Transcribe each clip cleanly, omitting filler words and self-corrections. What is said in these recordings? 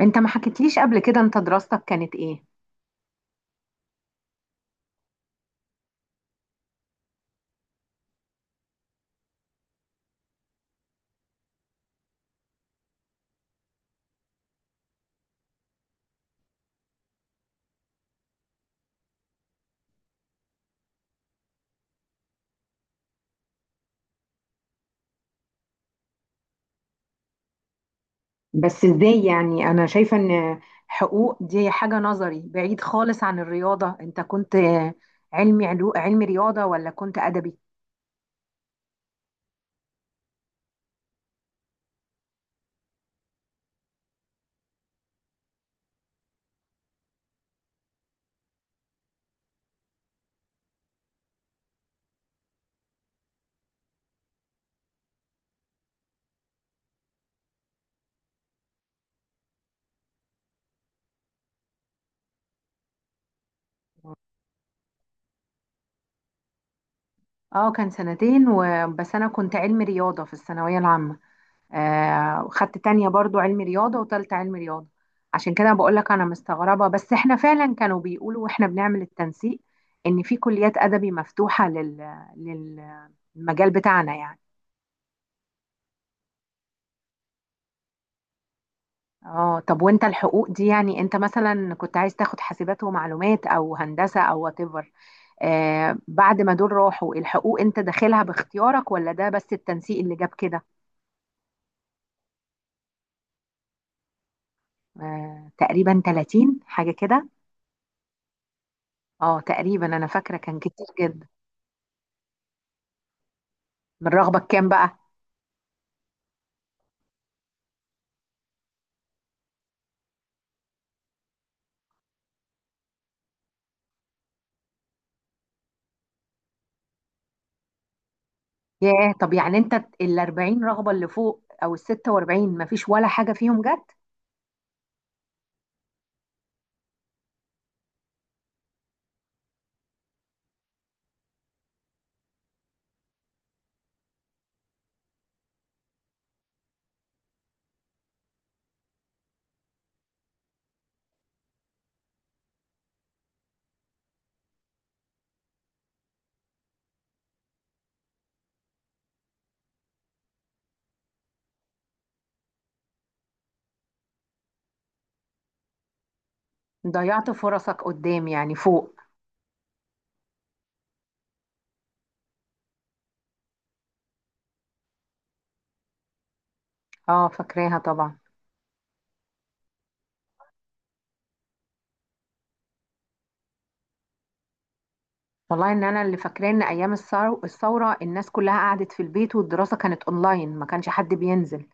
انت ما حكيتليش قبل كده، انت دراستك كانت ايه؟ بس ازاي؟ يعني انا شايفة ان حقوق دي حاجة نظري بعيد خالص عن الرياضة. انت كنت علمي رياضة ولا كنت ادبي؟ اه كان سنتين بس انا كنت علمي رياضة في الثانوية العامة. آه، وخدت تانية برضو علمي رياضة وتالتة علمي رياضة. عشان كده بقولك انا مستغربة، بس احنا فعلا كانوا بيقولوا واحنا بنعمل التنسيق ان في كليات ادبي مفتوحة لل- للمجال بتاعنا يعني. اه، طب وانت الحقوق دي، يعني انت مثلا كنت عايز تاخد حاسبات ومعلومات او هندسة او وات ايفر؟ آه، بعد ما دول راحوا الحقوق، انت داخلها باختيارك ولا ده بس التنسيق اللي جاب كده؟ آه، تقريبا 30 حاجة كده. اه تقريبا انا فاكرة كان كتير جدا. من رغبة كام بقى؟ ياه، طب يعني انت ال 40 رغبة اللي فوق او ال 46 مفيش ولا حاجة فيهم جت؟ ضيعت فرصك قدام يعني فوق. اه، فاكراها طبعا. والله ان انا اللي فاكراه ان ايام الثوره الناس كلها قعدت في البيت والدراسه كانت اونلاين، ما كانش حد بينزل.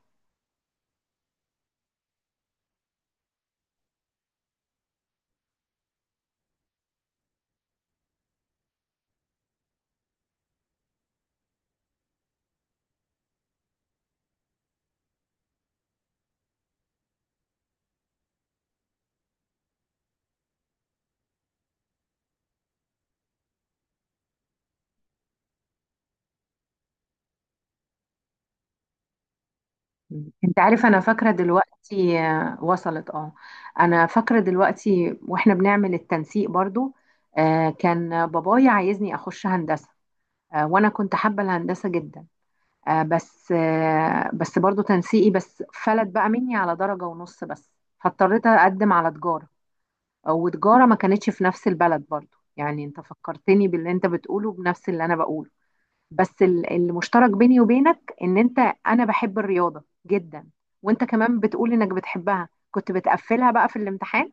انت عارف؟ انا فاكره دلوقتي. آه، وصلت. اه، انا فاكره دلوقتي واحنا بنعمل التنسيق برضو. آه، كان بابايا عايزني اخش هندسه. آه، وانا كنت حابه الهندسه جدا. بس برضو تنسيقي بس فلت بقى مني على درجه ونص بس. فاضطريت اقدم على تجاره، وتجارة ما كانتش في نفس البلد برضو. يعني انت فكرتني باللي انت بتقوله بنفس اللي انا بقوله، بس المشترك بيني وبينك ان انت، انا بحب الرياضة جدا، وانت كمان بتقول انك بتحبها، كنت بتقفلها بقى في الامتحان.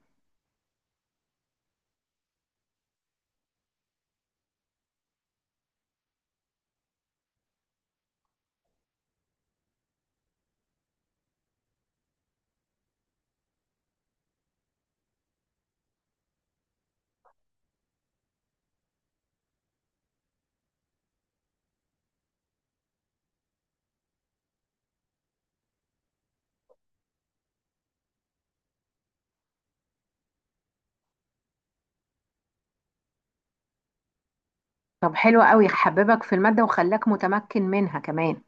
طب حلو قوي، حببك في المادة وخلاك متمكن منها كمان.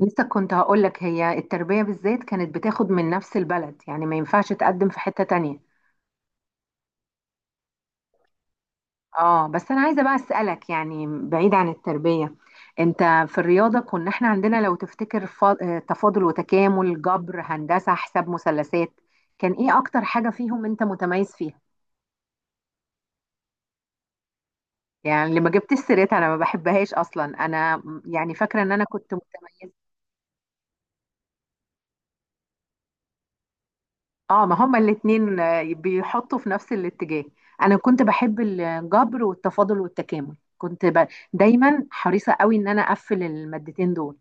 لسه كنت هقولك هي التربية بالذات كانت بتاخد من نفس البلد، يعني ما ينفعش تقدم في حتة تانية. اه، بس انا عايزه بقى اسالك يعني بعيد عن التربيه. انت في الرياضه كنا احنا عندنا لو تفتكر تفاضل وتكامل، جبر، هندسه، حساب مثلثات، كان ايه اكتر حاجه فيهم انت متميز فيها؟ يعني اللي ما جبتش سيرتها انا ما بحبهاش اصلا. انا يعني فاكره ان انا كنت متميز. اه، ما هما الاتنين بيحطوا في نفس الاتجاه. انا كنت بحب الجبر والتفاضل والتكامل، كنت دايما حريصه قوي ان انا اقفل المادتين دول.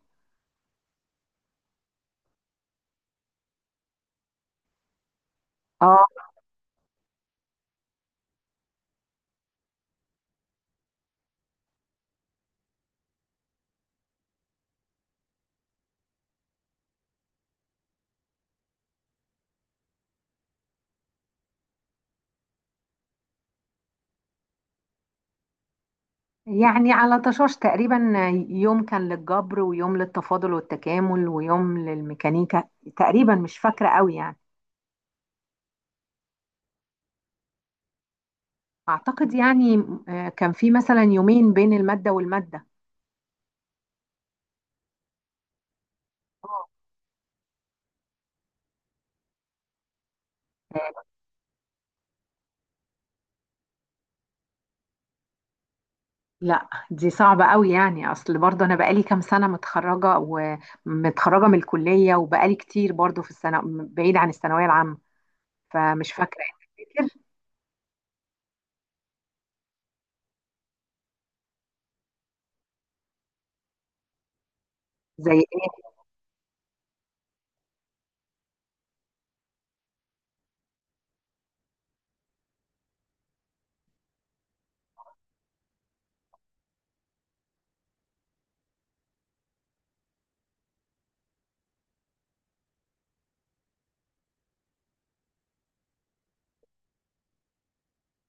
اه، يعني على طشاش تقريبا، يوم كان للجبر ويوم للتفاضل والتكامل ويوم للميكانيكا، تقريبا مش فاكرة قوي يعني. أعتقد يعني كان في مثلا يومين بين المادة والمادة. آه. لا دي صعبة قوي، يعني أصل برضه أنا بقالي كام سنة متخرجة ومتخرجة من الكلية، وبقالي كتير برضه في السنة بعيد عن الثانوية العامة، فمش فاكرة كتير. زي إيه؟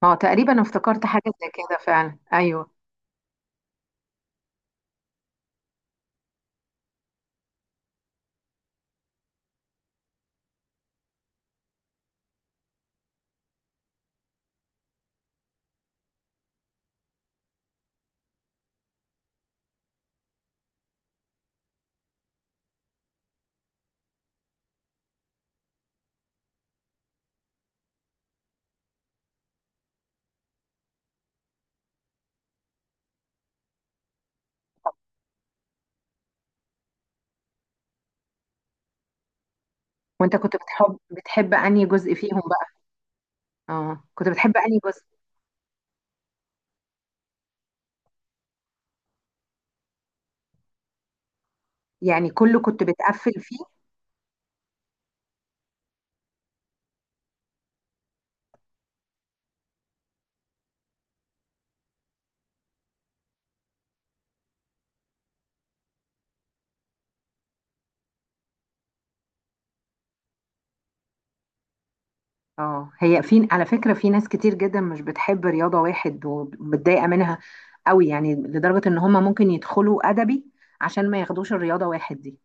اه تقريبا افتكرت حاجة زي كده فعلا، أيوه. وأنت كنت بتحب أنهي جزء فيهم؟ اه، كنت بتحب انهي جزء؟ يعني كله كنت بتقفل فيه؟ اه، هي في، على فكرة، في ناس كتير جدا مش بتحب رياضة واحد ومتضايقة منها قوي، يعني لدرجة ان هم ممكن يدخلوا ادبي عشان ما ياخدوش الرياضة واحد دي.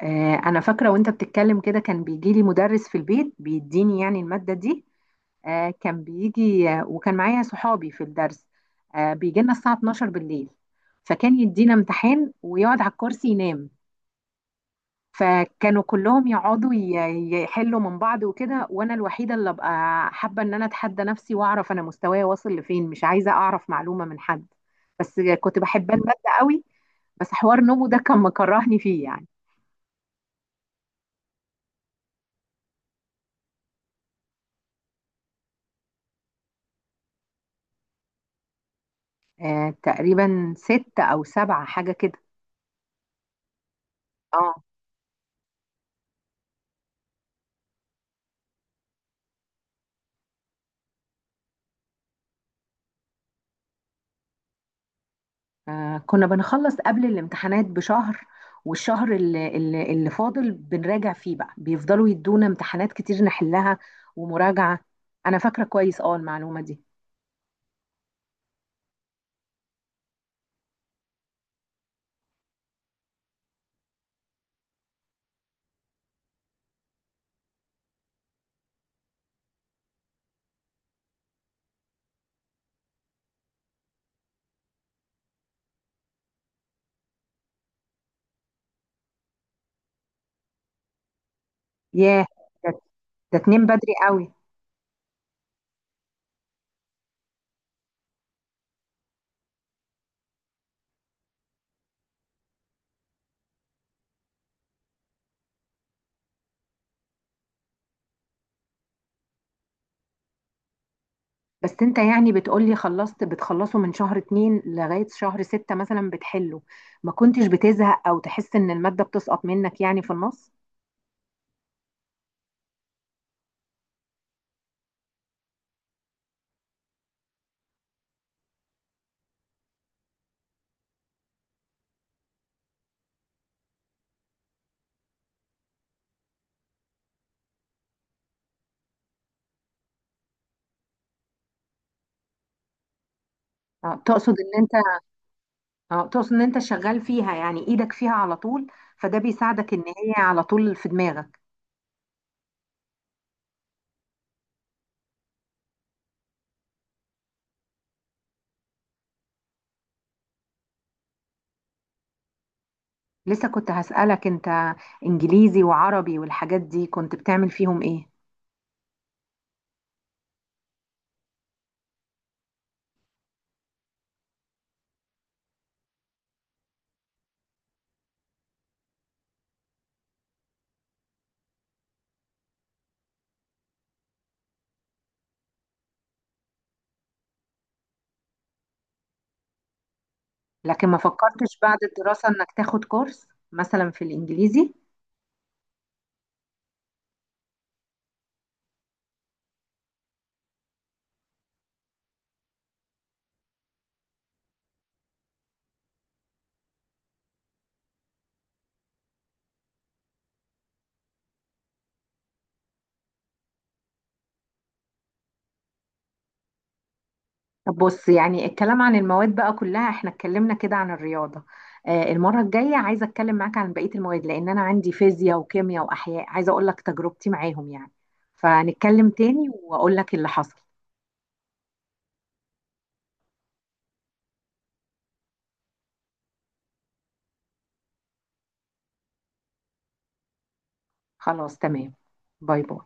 آه، انا فاكرة وانت بتتكلم كده كان بيجي لي مدرس في البيت بيديني يعني المادة دي. آه، كان بيجي وكان معايا صحابي في الدرس. آه، بيجي لنا الساعة 12 بالليل، فكان يدينا امتحان ويقعد على الكرسي ينام. فكانوا كلهم يقعدوا يحلوا من بعض وكده، وانا الوحيده اللي ابقى حابه ان انا اتحدى نفسي واعرف انا مستواي واصل لفين، مش عايزه اعرف معلومه من حد. بس كنت بحب الماده قوي. بس حوار نومو ده كان مكرهني فيه يعني. آه، تقريبا ستة او سبعة حاجه كده. اه، كنا بنخلص قبل الامتحانات بشهر. والشهر اللي فاضل بنراجع فيه بقى، بيفضلوا يدونا امتحانات كتير نحلها ومراجعه. انا فاكره كويس اه المعلومه دي. ياه. ده ده تنام بدري قوي. بس انت يعني بتقولي خلصت بتخلصه من شهر اتنين لغاية شهر ستة مثلا بتحله، ما كنتش بتزهق او تحس ان المادة بتسقط منك يعني في النص؟ اه تقصد ان انت اه تقصد ان انت شغال فيها، يعني ايدك فيها على طول، فده بيساعدك ان هي على طول في دماغك. لسه كنت هسألك انت انجليزي وعربي والحاجات دي كنت بتعمل فيهم ايه؟ لكن ما فكرتش بعد الدراسة انك تاخد كورس مثلا في الانجليزي؟ طب بص، يعني الكلام عن المواد بقى كلها احنا اتكلمنا كده عن الرياضة، آه، المرة الجاية عايزة اتكلم معاك عن بقية المواد، لان انا عندي فيزياء وكيمياء واحياء، عايزة اقول لك تجربتي معاهم يعني. فنتكلم تاني واقول لك اللي حصل. خلاص تمام. باي باي.